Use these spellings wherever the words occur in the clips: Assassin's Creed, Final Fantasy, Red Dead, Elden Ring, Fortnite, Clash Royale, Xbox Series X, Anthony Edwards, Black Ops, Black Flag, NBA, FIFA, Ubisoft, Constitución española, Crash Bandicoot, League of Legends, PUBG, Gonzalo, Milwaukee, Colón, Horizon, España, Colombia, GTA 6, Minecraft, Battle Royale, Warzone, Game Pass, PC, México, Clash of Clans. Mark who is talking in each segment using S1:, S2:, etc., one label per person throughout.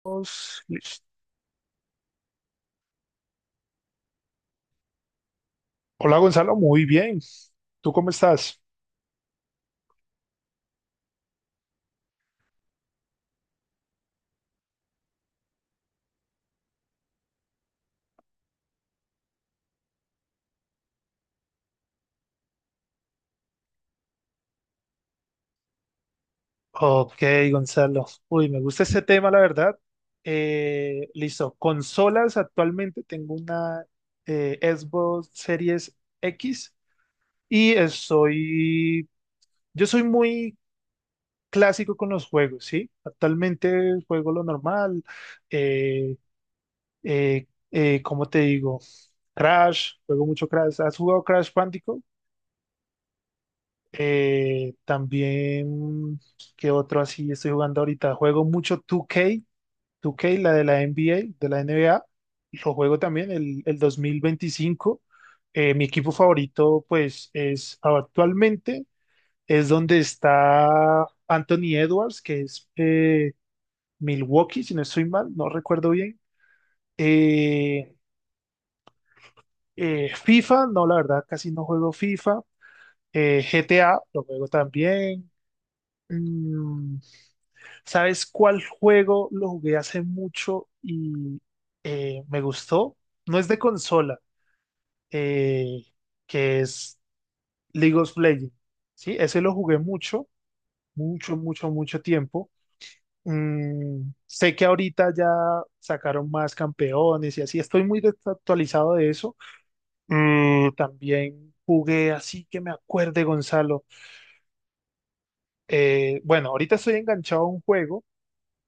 S1: Estamos listos. Hola Gonzalo, muy bien. ¿Tú cómo estás? Ok, Gonzalo. Uy, me gusta este tema, la verdad. Listo. Consolas, actualmente tengo una Xbox Series X. Y estoy, yo soy muy clásico con los juegos, ¿sí? Actualmente juego lo normal, eh, ¿cómo te digo? Crash, juego mucho Crash. ¿Has jugado Crash Bandicoot? También, ¿qué otro así estoy jugando ahorita? Juego mucho 2K, la de la NBA. Lo juego también el 2025. Mi equipo favorito, pues, es actualmente, es donde está Anthony Edwards, que es Milwaukee, si no estoy mal, no recuerdo bien. Eh, FIFA, no, la verdad, casi no juego FIFA. GTA, lo juego también. Mm, ¿Sabes cuál juego lo jugué hace mucho y me gustó? No es de consola, eh, que es League of Legends. Sí, ese lo jugué mucho, mucho, mucho, mucho tiempo. Sé que ahorita ya sacaron más campeones y así, estoy muy desactualizado de eso. También jugué así que me acuerde, Gonzalo. Bueno, ahorita estoy enganchado a un juego,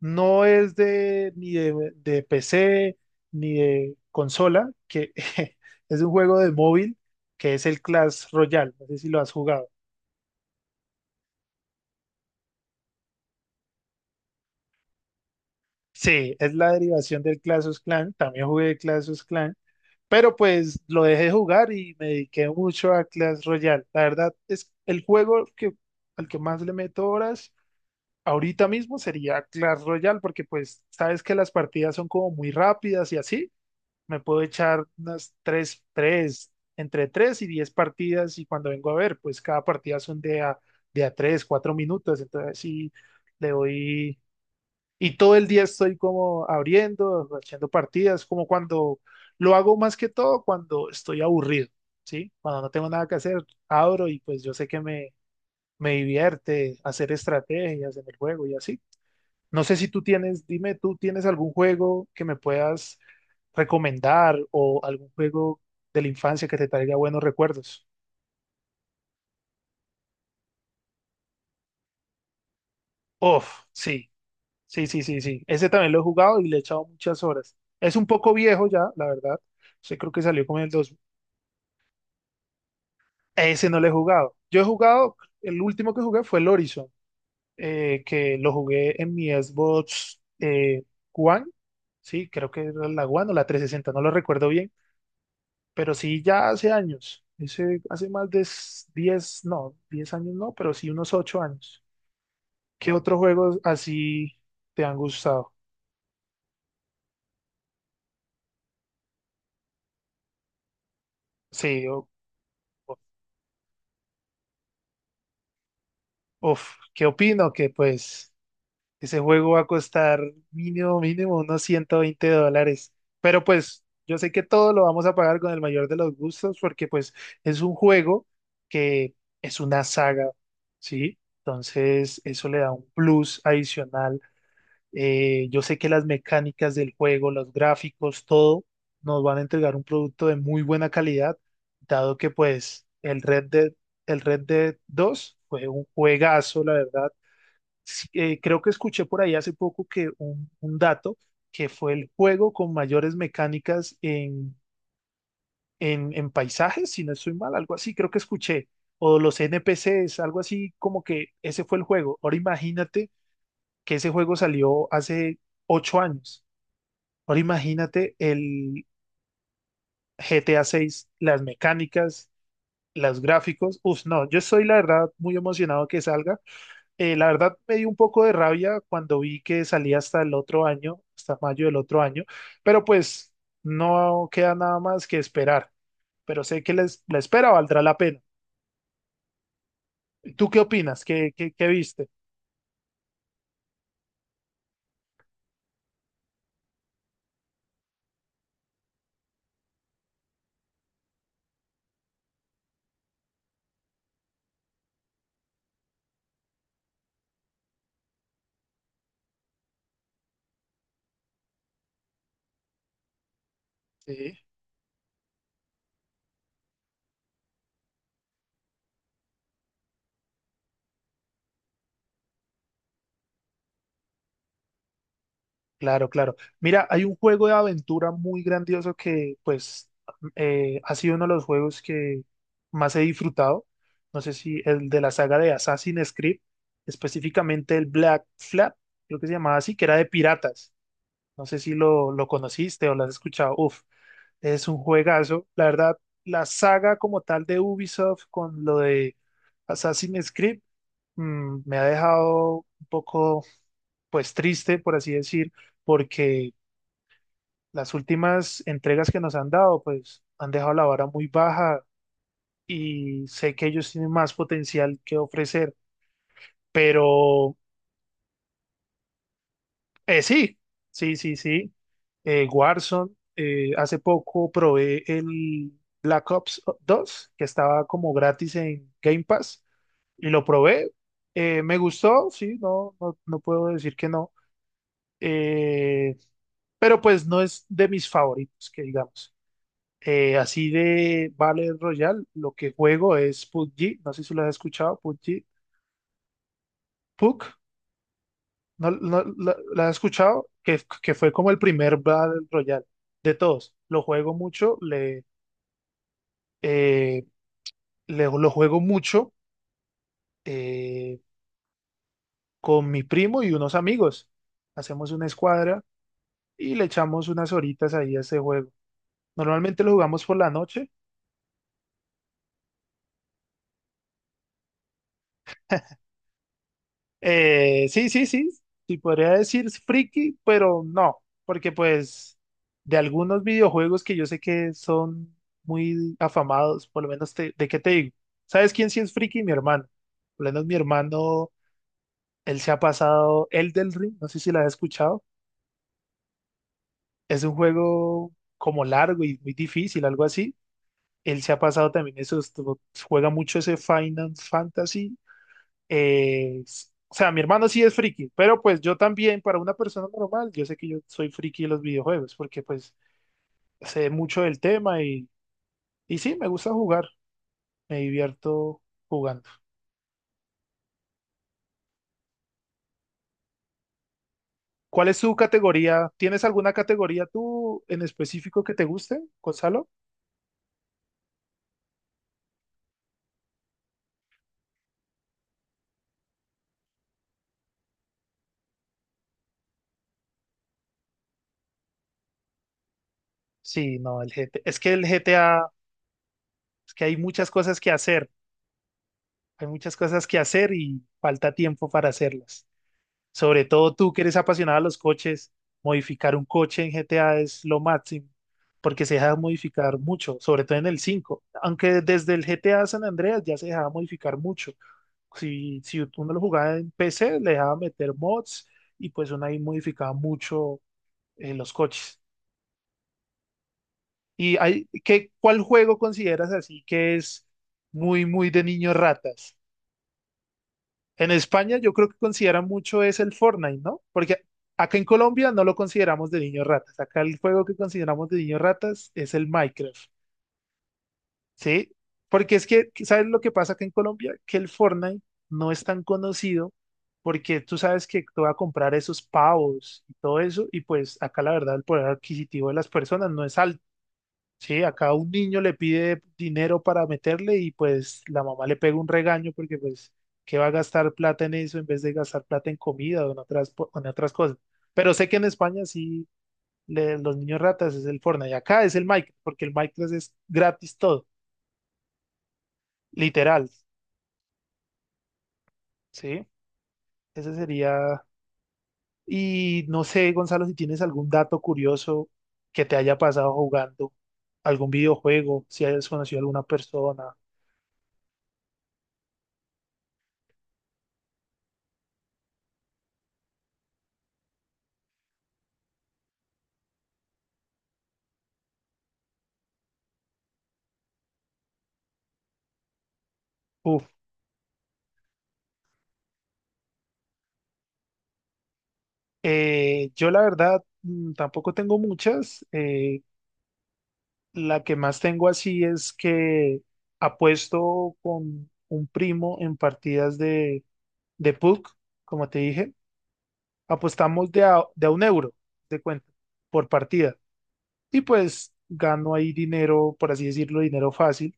S1: no es de ni de PC ni de consola, que es un juego de móvil que es el Clash Royale, no sé si lo has jugado. Sí, es la derivación del Clash of Clans, también jugué Clash of Clans. Pero pues lo dejé jugar y me dediqué mucho a Clash Royale. La verdad es el juego que, al que más le meto horas ahorita mismo sería Clash Royale porque pues sabes que las partidas son como muy rápidas y así. Me puedo echar unas 3 3 entre 3 y 10 partidas y cuando vengo a ver pues cada partida son de a 3 4 minutos. Entonces sí le doy y todo el día estoy como abriendo, haciendo partidas, como cuando lo hago más que todo cuando estoy aburrido, ¿sí? Cuando no tengo nada que hacer, abro y pues yo sé que me divierte hacer estrategias en el juego y así. No sé si tú tienes, dime, ¿tú tienes algún juego que me puedas recomendar o algún juego de la infancia que te traiga buenos recuerdos? Uf, sí, sí, sí, sí, sí. Ese también lo he jugado y le he echado muchas horas. Es un poco viejo ya, la verdad. Yo creo que salió como en el. Ese no lo he jugado. Yo he jugado, el último que jugué fue el Horizon, que lo jugué en mi Xbox One, sí, creo que era la One o la 360, no lo recuerdo bien, pero sí ya hace años, ese, hace más de 10, no, 10 años no, pero sí unos 8 años. ¿Qué otros juegos así te han gustado? Sí, o- uf, ¿qué opino? Que pues... Ese juego va a costar mínimo, mínimo unos $120. Pero pues yo sé que todo lo vamos a pagar con el mayor de los gustos porque pues es un juego que es una saga, ¿sí? Entonces eso le da un plus adicional. Yo sé que las mecánicas del juego, los gráficos, todo nos van a entregar un producto de muy buena calidad, dado que pues el Red Dead 2 fue un juegazo, la verdad sí, creo que escuché por ahí hace poco que un dato que fue el juego con mayores mecánicas en paisajes, si no estoy mal, algo así, creo que escuché, o los NPCs, algo así como que ese fue el juego. Ahora imagínate que ese juego salió hace 8 años. Ahora imagínate el GTA 6, las mecánicas, los gráficos. Uf, no, yo estoy la verdad muy emocionado que salga. La verdad me dio un poco de rabia cuando vi que salía hasta el otro año, hasta mayo del otro año, pero pues no queda nada más que esperar, pero sé que la espera valdrá la pena. ¿Tú qué opinas? ¿Qué viste? Sí, claro, claro. Mira, hay un juego de aventura muy grandioso que pues ha sido uno de los juegos que más he disfrutado. No sé si el de la saga de Assassin's Creed, específicamente el Black Flag, creo que se llamaba así, que era de piratas. No sé si lo conociste o lo has escuchado. Uf, es un juegazo. La verdad, la saga como tal de Ubisoft con lo de Assassin's Creed me ha dejado un poco, pues triste, por así decir, porque las últimas entregas que nos han dado, pues han dejado la vara muy baja y sé que ellos tienen más potencial que ofrecer, pero... Sí, sí, sí, sí. Warzone, hace poco probé el Black Ops 2 que estaba como gratis en Game Pass, y lo probé. Me gustó, sí, no, no, no puedo decir que no. Eh, pero pues no es de mis favoritos, que digamos. Así de Battle Royale, lo que juego es PUBG, no sé si lo has escuchado, PUBG. PUC. No, la has escuchado que, fue como el primer Battle Royale de todos. Lo juego mucho, eh, lo juego mucho eh, con mi primo y unos amigos. Hacemos una escuadra y le echamos unas horitas ahí a ese juego. Normalmente lo jugamos por la noche. Sí, sí, sí, sí podría decir friki, pero no, porque pues de algunos videojuegos que yo sé que son muy afamados, por lo menos de qué te digo. ¿Sabes quién sí es friki? Mi hermano. Por lo menos mi hermano, él se ha pasado Elden Ring, no sé si la has escuchado. Es un juego como largo y muy difícil, algo así. Él se ha pasado también eso, juega mucho ese Final Fantasy. O sea, mi hermano sí es friki, pero pues yo también, para una persona normal, yo sé que yo soy friki de los videojuegos, porque pues sé mucho del tema y sí, me gusta jugar, me divierto jugando. ¿Cuál es su categoría? ¿Tienes alguna categoría tú en específico que te guste, Gonzalo? Sí, no, el GT. Es que el GTA, es que hay muchas cosas que hacer, hay muchas cosas que hacer y falta tiempo para hacerlas. Sobre todo tú que eres apasionado a los coches, modificar un coche en GTA es lo máximo, porque se deja modificar mucho, sobre todo en el 5, aunque desde el GTA San Andreas ya se dejaba modificar mucho. Si, si uno lo jugaba en PC, le dejaba meter mods y pues uno ahí modificaba mucho los coches. ¿Y hay, qué, cuál juego consideras así que es muy, muy de niños ratas? En España yo creo que consideran mucho es el Fortnite, ¿no? Porque acá en Colombia no lo consideramos de niños ratas. Acá el juego que consideramos de niños ratas es el Minecraft, ¿sí? Porque es que, ¿sabes lo que pasa acá en Colombia? Que el Fortnite no es tan conocido porque tú sabes que tú vas a comprar esos pavos y todo eso y pues acá la verdad el poder adquisitivo de las personas no es alto. Sí, acá un niño le pide dinero para meterle y pues la mamá le pega un regaño porque pues, ¿qué va a gastar plata en eso en vez de gastar plata en comida o en otras, en otras cosas? Pero sé que en España sí, los niños ratas es el Fortnite y acá es el Minecraft porque el Minecraft es gratis todo, literal, ¿sí? Ese sería... Y no sé, Gonzalo, si tienes algún dato curioso que te haya pasado jugando, algún videojuego, si hayas conocido a alguna persona. Uf. Yo la verdad tampoco tengo muchas. La que más tengo así es que apuesto con un primo en partidas de PUC, como te dije. Apostamos de a 1 € de cuenta por partida. Y pues gano ahí dinero, por así decirlo, dinero fácil.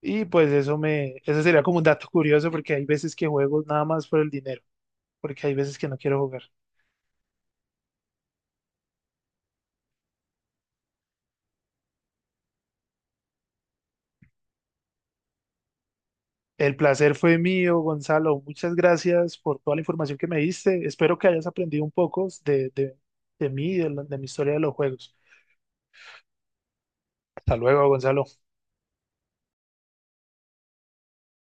S1: Y pues eso sería como un dato curioso porque hay veces que juego nada más por el dinero, porque hay veces que no quiero jugar. El placer fue mío, Gonzalo. Muchas gracias por toda la información que me diste. Espero que hayas aprendido un poco de mí, de mi historia de los juegos. Hasta luego, Gonzalo.